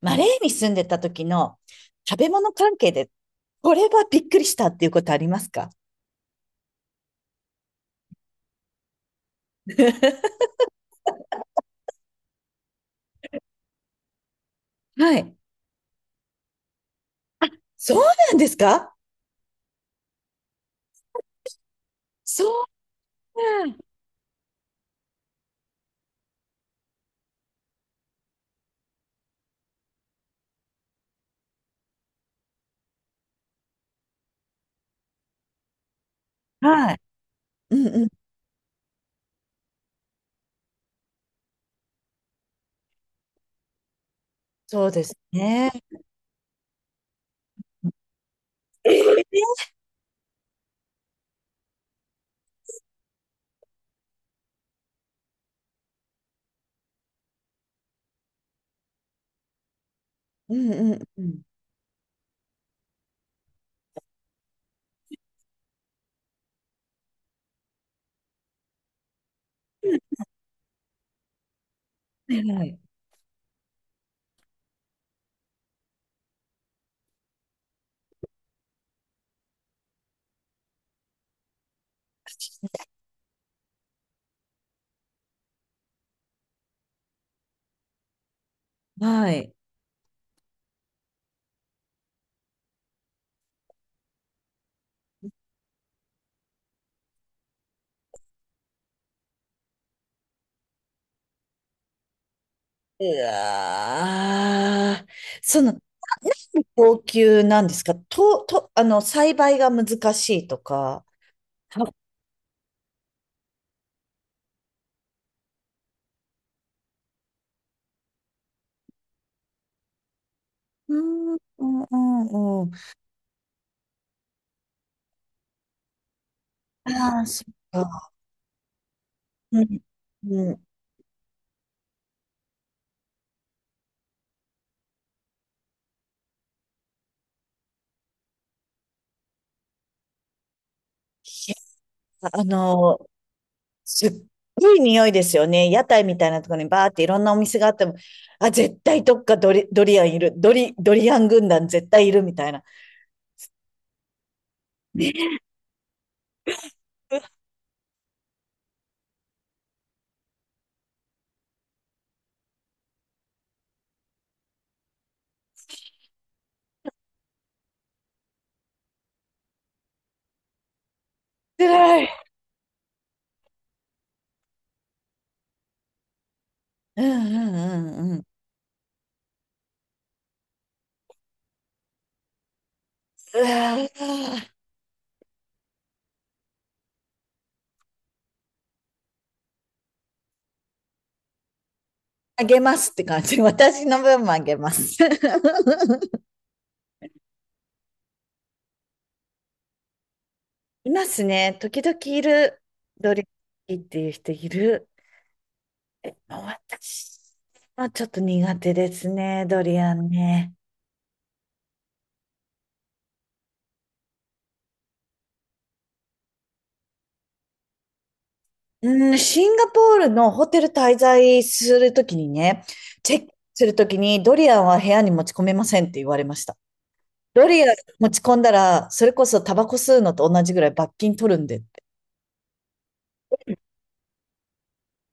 マレーに住んでた時の食べ物関係で、これはびっくりしたっていうことありますか？はい。そうなんですか？そうなん、はい。うんうん。そうですね。えー、うんうんうん。はい。はい。うわー、その、ななんで高級なんですか、と、と、栽培が難しいとか。あ、うん、うん、うん、うん。ああ、そっか。うん、うん。へ、あの、すっごい匂いですよね。屋台みたいなところにバーっていろんなお店があっても、あ、絶対どっかドリ、ドリアンいる。ドリ、ドリアン軍団絶対いるみたいな。ね、辛い。うんうんうんうん。うわー、あげますって感じ。私の分もあげます。いますね。時々いる。ドリアンっていう人いる。もう私はちょっと苦手ですね。ドリアンね。うん、シンガポールのホテル滞在するときにね、チェックするときにドリアンは部屋に持ち込めませんって言われました。ドリアン持ち込んだら、それこそタバコ吸うのと同じぐらい罰金取るんでって。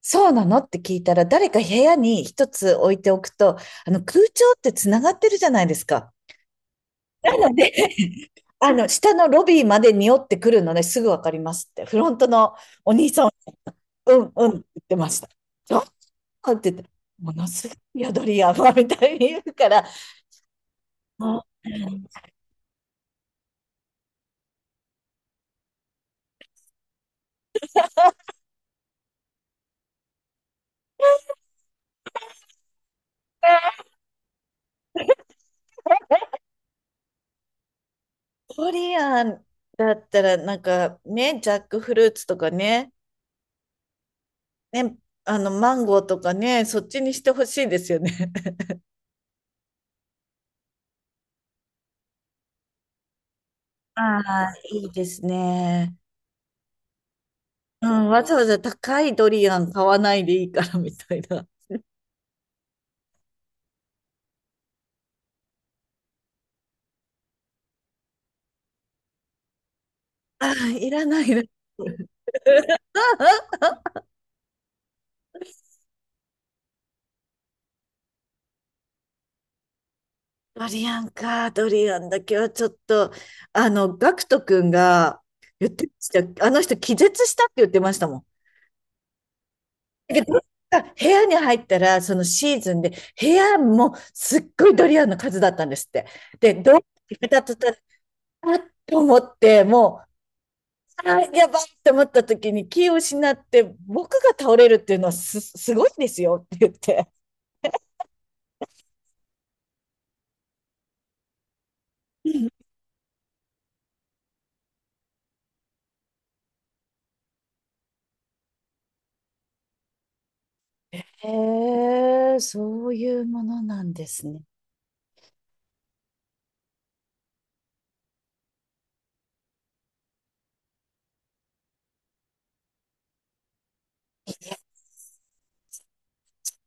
そうなのって聞いたら、誰か部屋に一つ置いておくと、空調ってつながってるじゃないですか。なので、下のロビーまで匂ってくるのね、すぐわかりますって。フロントのお兄さん、うん、うんって言ってました。あって言って、ものすごいよ、ドリアンは、みたいに言うから、あ、ドリアンだったら、なんかね、ジャックフルーツとかね、ね、マンゴーとかね、そっちにしてほしいですよね。ああ、いいですね。うん、わざわざ高いドリアン買わないでいいからみたいな。ああ、いらないな。ドリアンか、ドリアンだけはちょっと、ガクト君が言ってました。あの人気絶したって言ってましたもん。だけど、部屋に入ったら、そのシーズンで、部屋もすっごいドリアンの数だったんですって。で、どうやってたとたら、あっと思って、もう、あーやばいと思った時に気を失って、僕が倒れるっていうのはす、すごいんですよって言って、へえ、そういうものなんですね。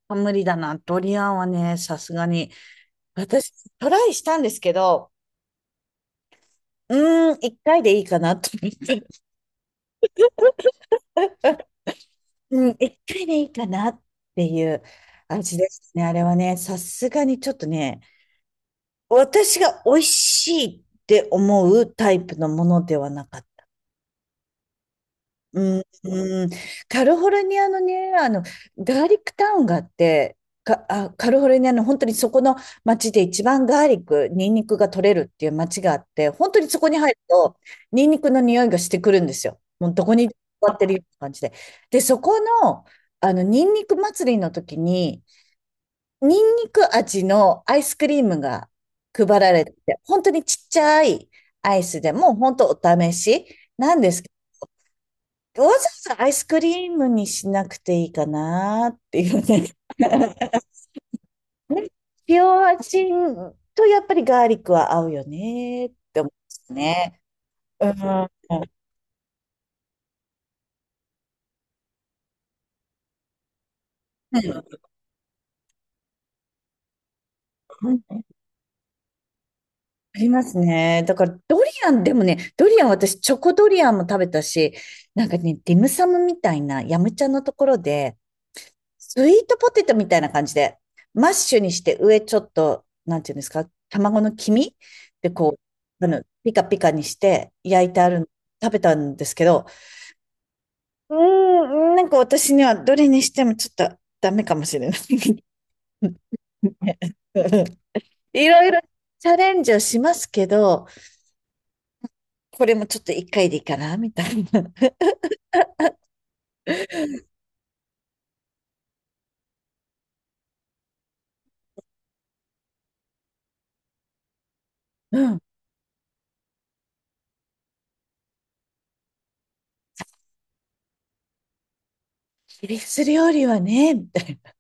無理だな。ドリアンはね、さすがに。私、トライしたんですけど、うーん、一回でいいかなと思って。うん、一回でいいかなっていう味でしたね。あれはね、さすがにちょっとね、私が美味しいって思うタイプのものではなかっ、うん、うん、カリフォルニアのね、ガーリックタウンがあって、か、あ、カリフォルニアの本当にそこの町で一番ガーリック、ニンニクが取れるっていう町があって、本当にそこに入ると、ニンニクの匂いがしてくるんですよ。もうどこに座ってるような感じで。で、そこの、ニンニク祭りの時に、ニンニク味のアイスクリームが配られてて、本当にちっちゃいアイスでも、本当お試しなんですけど、わざわざアイスクリームにしなくていいかなっていうね。塩味とやっぱりガーリックは合うよねって思うんですね。うん。うん、ありますね。だから、ドリアン、でもね、ドリアン、私、チョコドリアンも食べたし、なんかね、ディムサムみたいな、ヤムチャのところで、スイートポテトみたいな感じで、マッシュにして上ちょっと、なんていうんですか、卵の黄身でこう、ピカピカにして焼いてあるの、食べたんですけど、うーん、なんか私にはどれにしてもちょっとダメかもしれない。いろいろチャレンジをしますけど、これもちょっと一回でいいかな、みたいな。うん。フィリス料理はね、みたいな。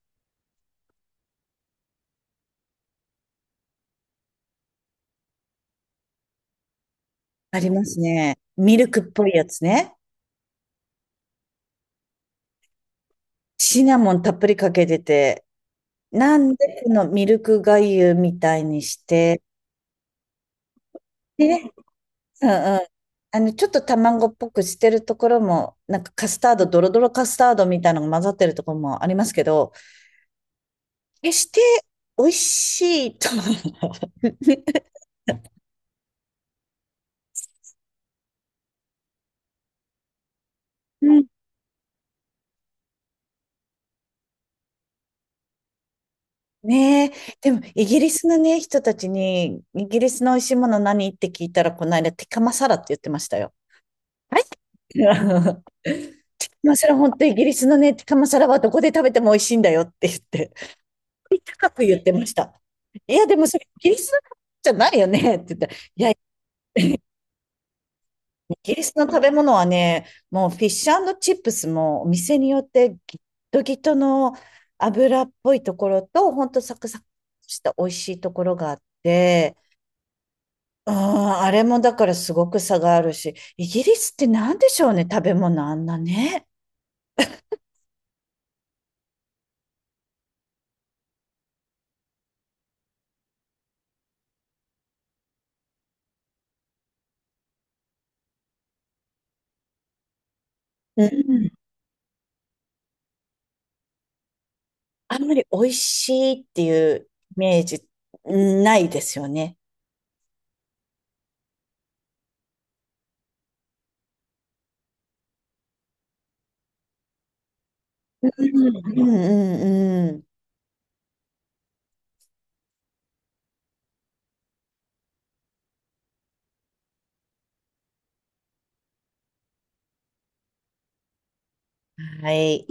ありますね。ミルクっぽいやつね。シナモンたっぷりかけてて、なんでこのミルクがゆみたいにして、でね、うんうん。ちょっと卵っぽくしてるところも、なんかカスタード、ドロドロカスタードみたいなのが混ざってるところもありますけど、決して美味しいとは ねえ、でもイギリスのね、人たちに、イギリスの美味しいもの何って聞いたら、この間、ティカマサラって言ってましたよ。はい。 まあ、そ、本当イギリスのね、ティカマサラはどこで食べても美味しいんだよって言って、高く言ってました。いや、でもそれイギリスのじゃないよねって言ったら、いや、イギリスの食べ物はね、もうフィッシュチップスもお店によってギットギトの油っぽいところと、本当サクサクした美味しいところがあって、ああ、あれもだからすごく差があるし、イギリスって何でしょうね、食べ物あんなね。うん。あんまり美味しいっていうイメージないですよね。うんうんうん。はい。